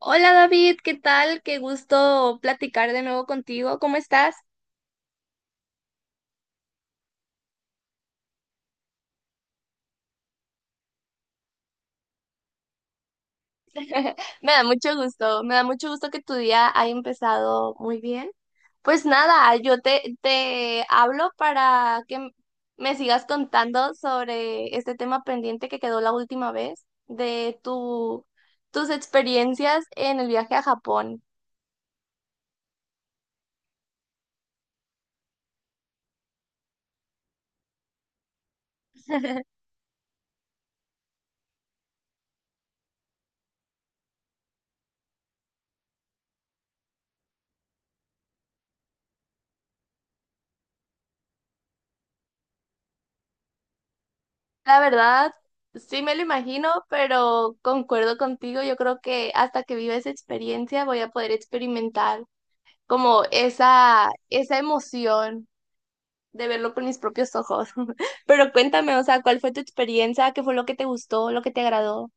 Hola David, ¿qué tal? Qué gusto platicar de nuevo contigo. ¿Cómo estás? Me da mucho gusto, me da mucho gusto que tu día haya empezado muy bien. Pues nada, yo te hablo para que me sigas contando sobre este tema pendiente que quedó la última vez de tus experiencias en el viaje a Japón. La verdad, sí me lo imagino, pero concuerdo contigo. Yo creo que hasta que viva esa experiencia voy a poder experimentar como esa emoción de verlo con mis propios ojos. Pero cuéntame, o sea, ¿cuál fue tu experiencia? ¿Qué fue lo que te gustó, lo que te agradó?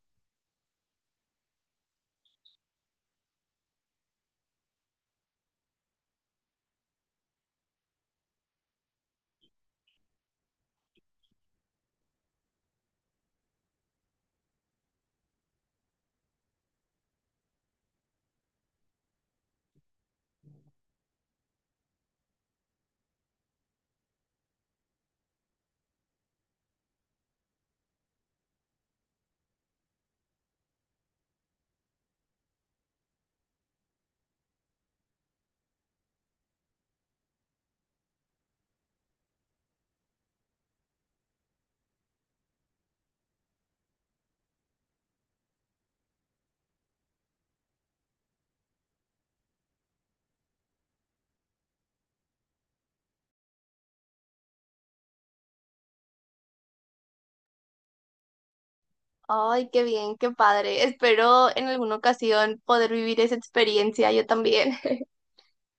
Ay, qué bien, qué padre. Espero en alguna ocasión poder vivir esa experiencia yo también.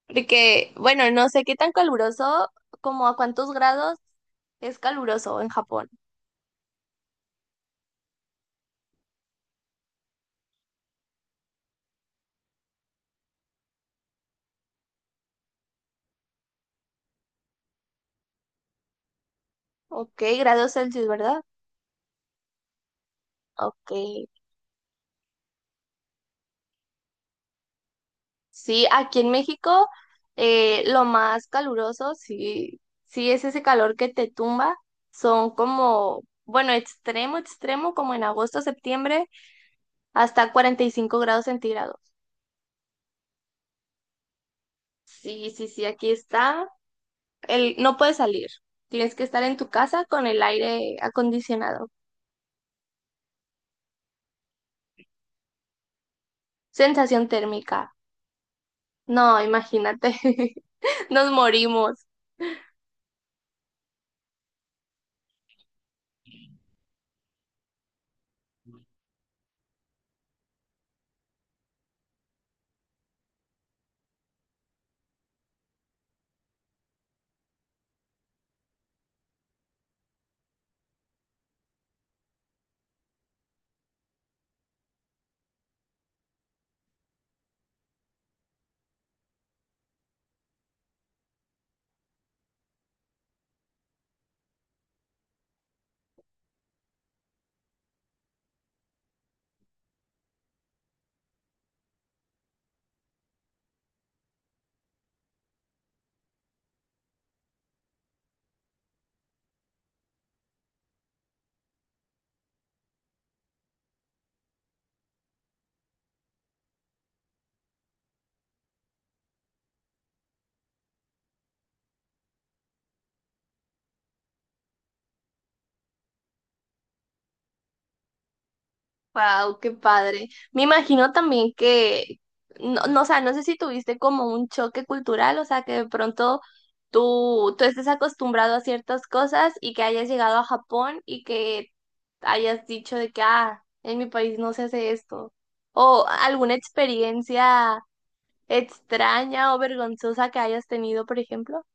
Porque, bueno, no sé qué tan caluroso, como a cuántos grados es caluroso en Japón. Ok, grados Celsius, ¿verdad? Ok. Sí, aquí en México lo más caluroso, sí, sí es ese calor que te tumba. Son como, bueno, extremo, extremo, como en agosto, septiembre, hasta 45 grados centígrados. Sí, sí, sí, aquí está. El, no puedes salir. Tienes que estar en tu casa con el aire acondicionado. Sensación térmica. No, imagínate. Nos morimos. Wow, qué padre. Me imagino también que, no, no, o sea, no sé si tuviste como un choque cultural, o sea, que de pronto tú estés acostumbrado a ciertas cosas y que hayas llegado a Japón y que hayas dicho de que, ah, en mi país no se hace esto. O alguna experiencia extraña o vergonzosa que hayas tenido, por ejemplo.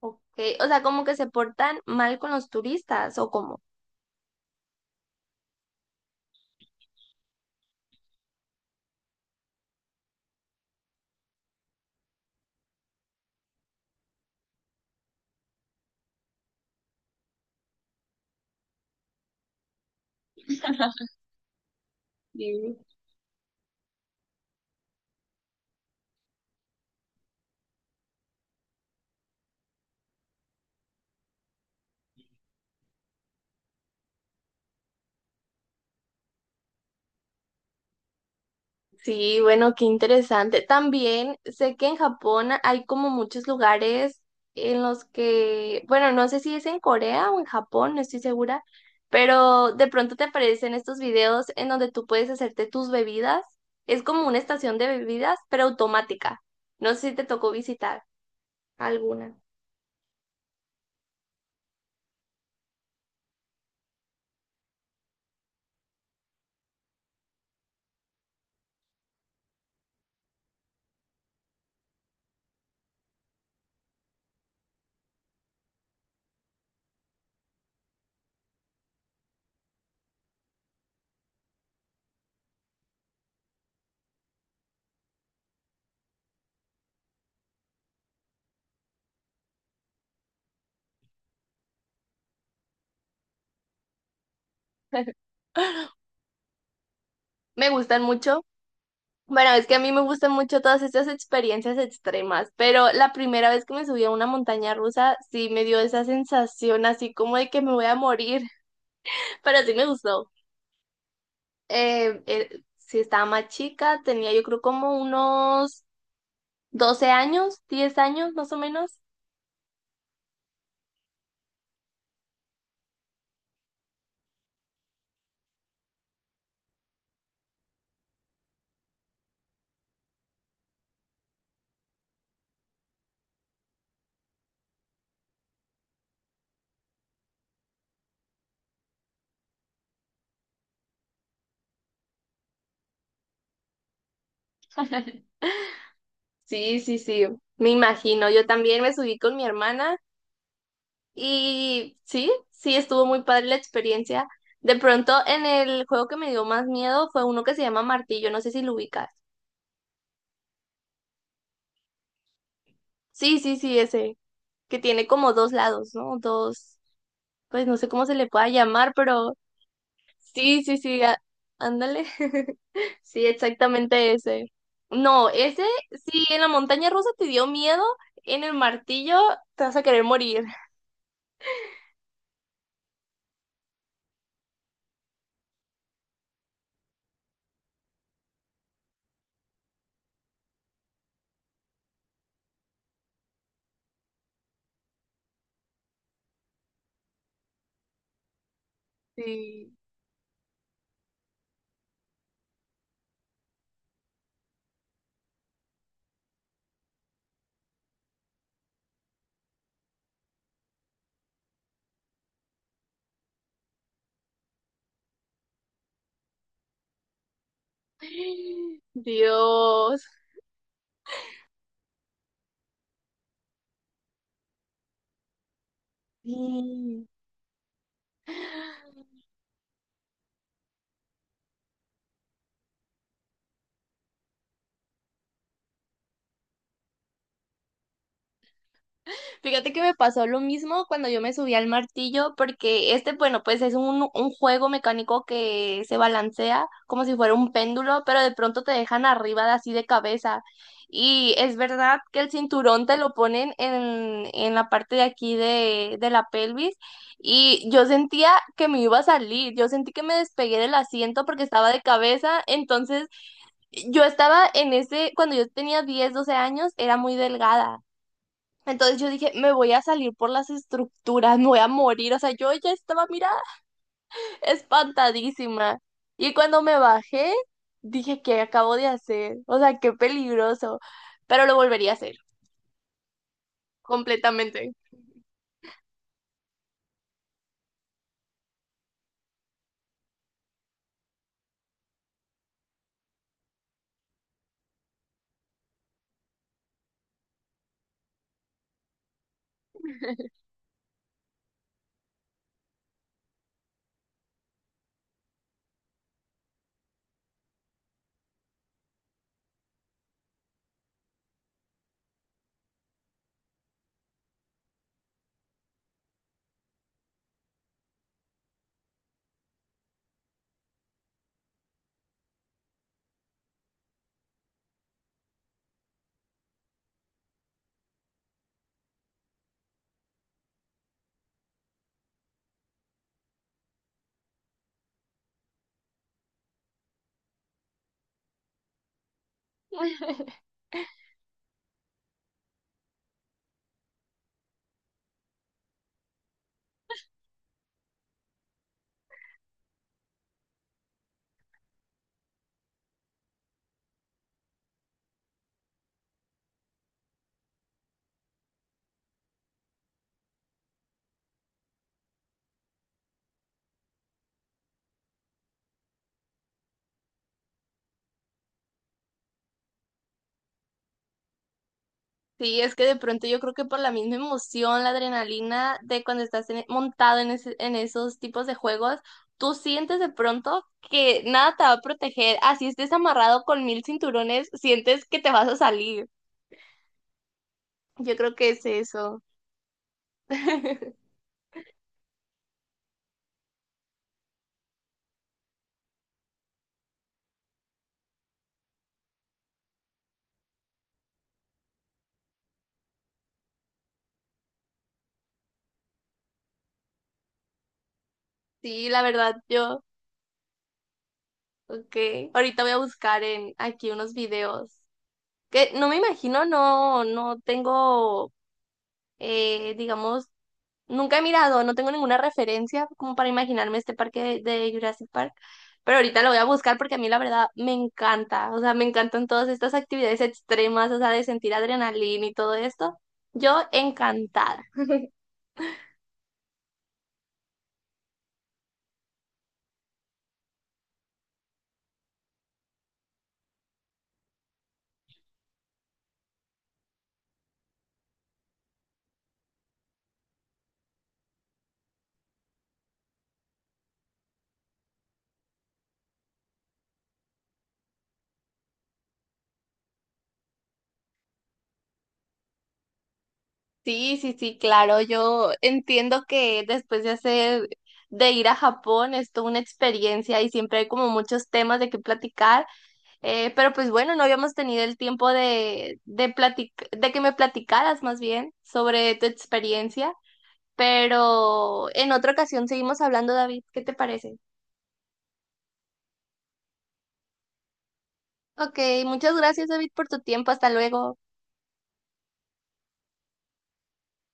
Ok, o sea, como que se portan mal con los turistas o cómo. Sí, bueno, qué interesante. También sé que en Japón hay como muchos lugares en los que, bueno, no sé si es en Corea o en Japón, no estoy segura, pero de pronto te aparecen estos videos en donde tú puedes hacerte tus bebidas. Es como una estación de bebidas, pero automática. No sé si te tocó visitar alguna. Me gustan mucho. Bueno, es que a mí me gustan mucho todas estas experiencias extremas, pero la primera vez que me subí a una montaña rusa sí me dio esa sensación así como de que me voy a morir, pero sí me gustó. Sí estaba más chica, tenía yo creo como unos 12 años, 10 años más o menos. Sí, sí, sí, me imagino. Yo también me subí con mi hermana. Y sí, sí, estuvo muy padre la experiencia. De pronto, en el juego que me dio más miedo fue uno que se llama Martillo, no sé si lo ubicas. Sí, sí, sí, ese, que tiene como dos lados, ¿no? Dos, pues no sé cómo se le pueda llamar, pero sí, sí, sí, ándale. Sí, exactamente ese. No, ese, sí, en la montaña rusa te dio miedo, en el martillo te vas a querer morir. Sí. Dios. Sí. Fíjate que me pasó lo mismo cuando yo me subí al martillo, porque este, bueno, pues es un juego mecánico que se balancea como si fuera un péndulo, pero de pronto te dejan arriba de así de cabeza. Y es verdad que el cinturón te lo ponen en la parte de aquí de la pelvis y yo sentía que me iba a salir, yo sentí que me despegué del asiento porque estaba de cabeza, entonces yo estaba en ese, cuando yo tenía 10 12 años, era muy delgada. Entonces yo dije, me voy a salir por las estructuras, me voy a morir. O sea, yo ya estaba, mira, espantadísima. Y cuando me bajé, dije, ¿qué acabo de hacer? O sea, qué peligroso. Pero lo volvería a hacer, completamente. Sí, es que de pronto yo creo que por la misma emoción, la adrenalina de cuando estás montado en, en esos tipos de juegos, tú sientes de pronto que nada te va a proteger. Así estés amarrado con mil cinturones, sientes que te vas a salir. Yo creo que es eso. Sí, la verdad, yo, ok. Ahorita voy a buscar en aquí unos videos que no me imagino, no, no tengo, digamos, nunca he mirado, no tengo ninguna referencia como para imaginarme este parque de Jurassic Park, pero ahorita lo voy a buscar porque a mí la verdad me encanta, o sea, me encantan todas estas actividades extremas, o sea, de sentir adrenalina y todo esto. Yo encantada. Sí, sí, sí, claro, yo entiendo que después de hacer, de ir a Japón, es toda una experiencia y siempre hay como muchos temas de qué platicar, pero pues bueno, no habíamos tenido el tiempo de de que me platicaras más bien sobre tu experiencia, pero en otra ocasión seguimos hablando, David, ¿qué te parece? Ok, muchas gracias, David, por tu tiempo, hasta luego.